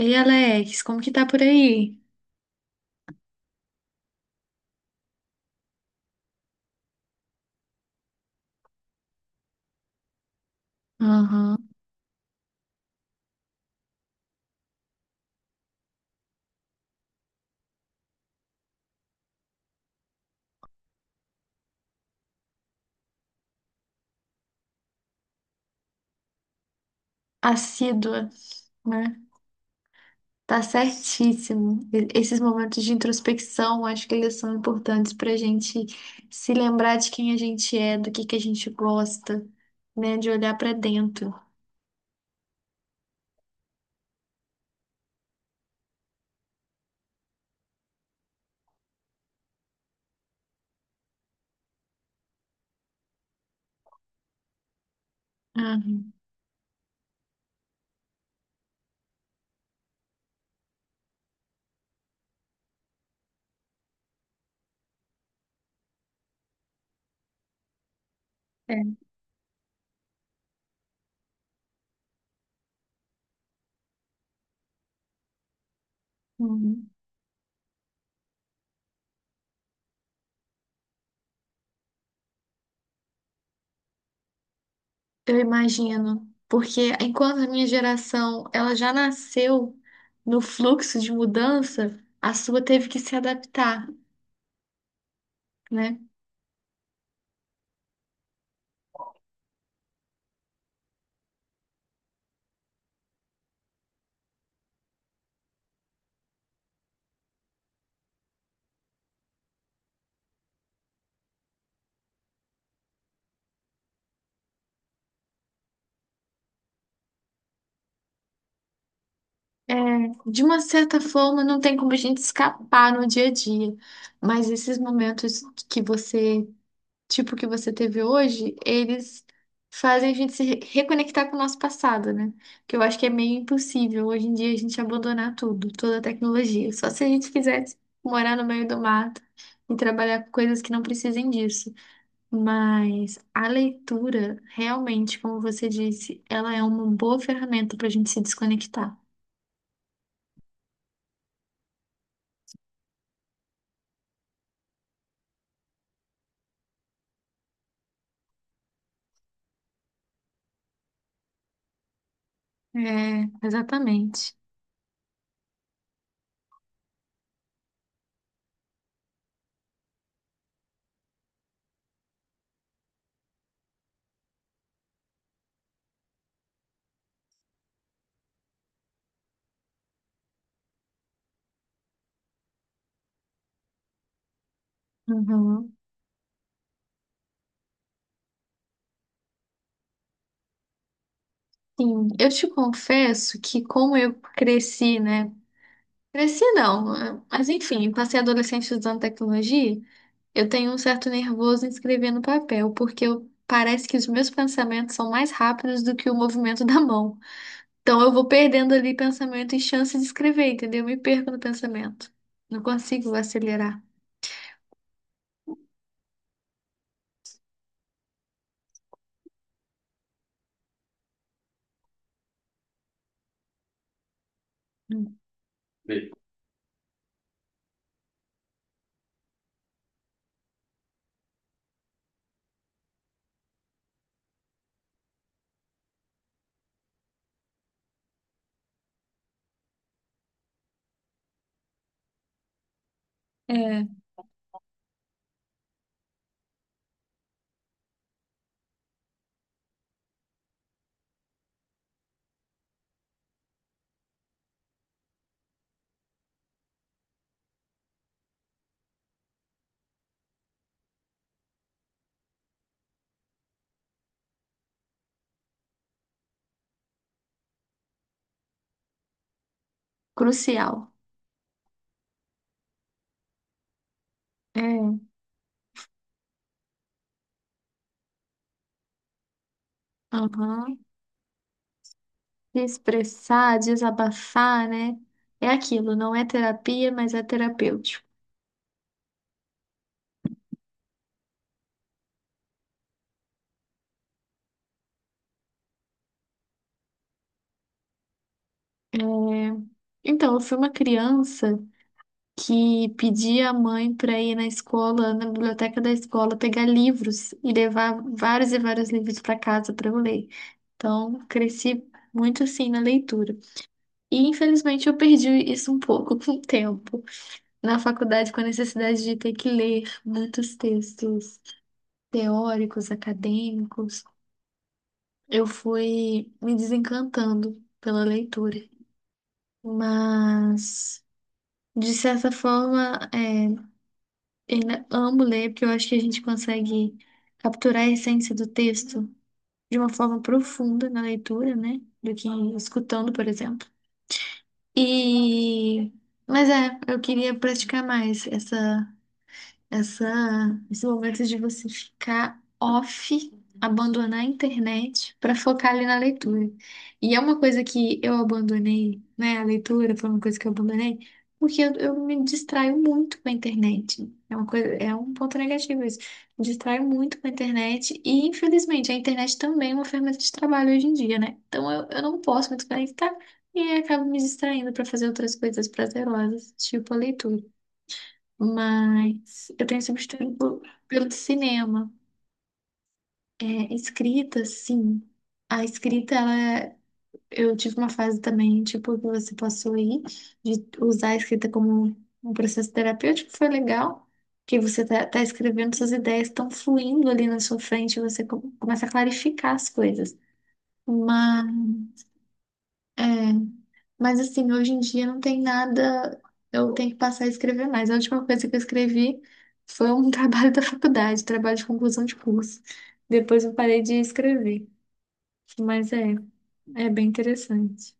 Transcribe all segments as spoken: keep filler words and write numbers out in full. Ei, Alex, como que tá por aí? Aham. Assídua, né? Tá certíssimo. E- Esses momentos de introspecção, acho que eles são importantes pra gente se lembrar de quem a gente é, do que que a gente gosta, né? De olhar pra dentro. Aham. É. Uhum. Eu imagino, porque enquanto a minha geração, ela já nasceu no fluxo de mudança, a sua teve que se adaptar, né? É, de uma certa forma, não tem como a gente escapar no dia a dia, mas esses momentos que você, tipo que você teve hoje, eles fazem a gente se re- reconectar com o nosso passado, né? Que eu acho que é meio impossível hoje em dia a gente abandonar tudo, toda a tecnologia. Só se a gente quisesse morar no meio do mato e trabalhar com coisas que não precisem disso. Mas a leitura, realmente, como você disse, ela é uma boa ferramenta para a gente se desconectar. É, exatamente. Uhum. Sim, eu te confesso que como eu cresci, né? Cresci não, eh, mas enfim, passei adolescente usando tecnologia, eu tenho um certo nervoso em escrever no papel, porque eu- parece que os meus pensamentos são mais rápidos do que o movimento da mão. Então eu vou perdendo ali pensamento e chance de escrever, entendeu? Eu me perco no pensamento. Não consigo acelerar. Hum. É crucial. É. Aham. De expressar, desabafar, né? É aquilo, não é terapia, mas é terapêutico. É, então, eu fui uma criança que pedia à mãe para ir na escola, na biblioteca da escola, pegar livros e levar vários e vários livros para casa para eu ler. Então, cresci muito assim na leitura. E infelizmente eu perdi isso um pouco com o tempo. Na faculdade, com a necessidade de ter que ler muitos textos teóricos, acadêmicos. Eu fui me desencantando pela leitura, mas de certa forma, é, ainda amo ler porque eu acho que a gente consegue capturar a essência do texto de uma forma profunda na leitura, né? Do que escutando, por exemplo. E mas é, eu queria praticar mais essa essa, esse momento de você ficar off, abandonar a internet para focar ali na leitura. E é uma coisa que eu abandonei, né? A leitura foi uma coisa que eu abandonei, porque eu, eu me distraio muito com a internet. É uma coisa, é um ponto negativo isso. Me distraio muito com a internet e, infelizmente, a internet também é uma ferramenta de trabalho hoje em dia, né? Então eu, eu não posso me desconectar e acabo me distraindo para fazer outras coisas prazerosas, tipo a leitura. Mas eu tenho esse mistério pelo, pelo cinema. É, escrita, sim. A escrita, ela, é- eu tive uma fase também, tipo, que você passou aí, de usar a escrita como um processo terapêutico, foi legal, que você tá, tá escrevendo, suas ideias estão fluindo ali na sua frente, você co- começa a clarificar as coisas. É, mas assim, hoje em dia não tem nada, eu tenho que passar a escrever mais. A última coisa que eu escrevi foi um trabalho da faculdade, trabalho de conclusão de curso. Depois eu parei de escrever, mas é, é bem interessante.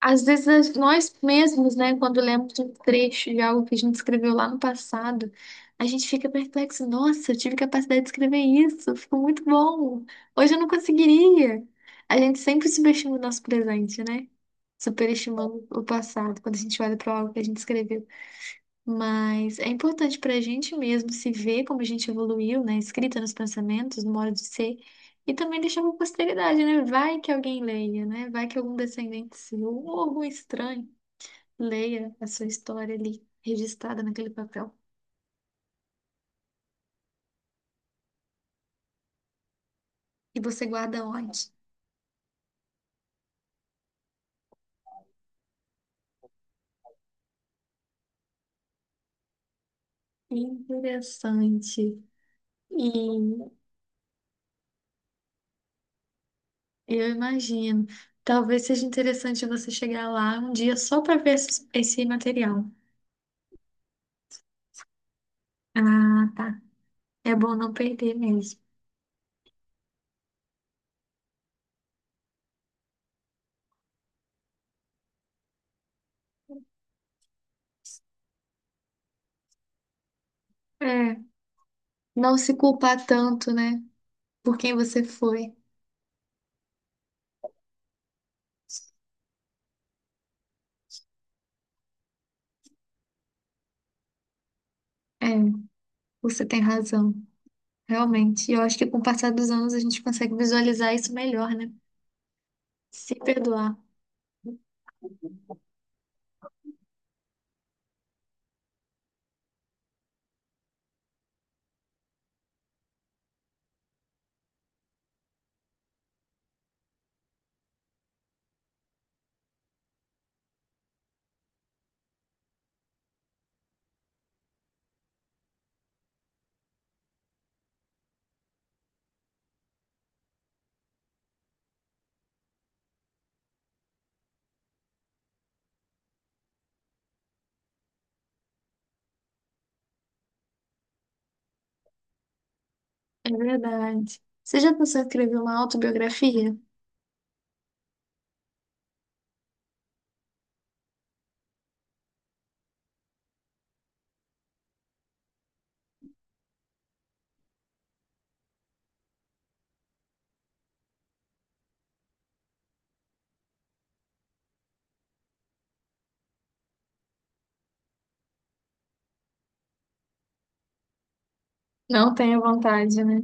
Às vezes nós nós mesmos, né, quando lemos um trecho de algo que a gente escreveu lá no passado, a gente fica perplexo, nossa, eu tive capacidade de escrever isso, ficou muito bom. Hoje eu não conseguiria. A gente sempre subestima o nosso presente, né? Superestimando o passado quando a gente olha para algo que a gente escreveu. Mas é importante para a gente mesmo se ver como a gente evoluiu, né? Escrita nos pensamentos, no modo de ser. E também deixar para posteridade, né? Vai que alguém leia, né? Vai que algum descendente seu ou algum estranho leia a sua história ali, registrada naquele papel. E você guarda onde? Interessante. E eu imagino. Talvez seja interessante você chegar lá um dia só para ver esse esse material. Ah, tá. É bom não perder mesmo. É. Não se culpar tanto, né? Por quem você foi. É, você tem razão. Realmente. E eu acho que com o passar dos anos a gente consegue visualizar isso melhor, né? Se perdoar. É verdade. Você já pensou em escrever uma autobiografia? Não tenho vontade, né?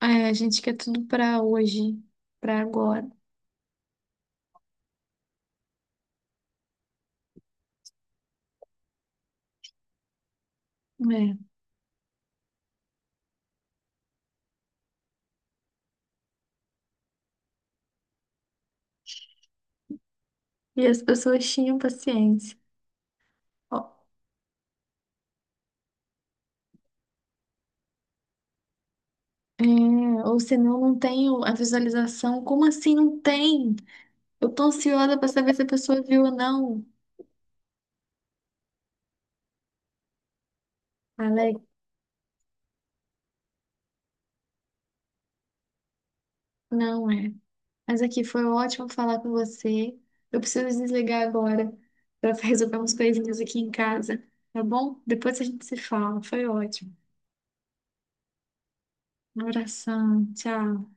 É, a gente quer tudo pra hoje, pra agora. Né? E as pessoas tinham paciência. Ó, é, ou senão não tenho a visualização. Como assim não tem? Eu tô ansiosa pra saber se a pessoa viu ou não. Alex. Não é. Mas aqui foi ótimo falar com você. Eu preciso desligar agora para resolver umas coisinhas aqui em casa, tá bom? Depois a gente se fala. Foi ótimo. Um abração. Tchau.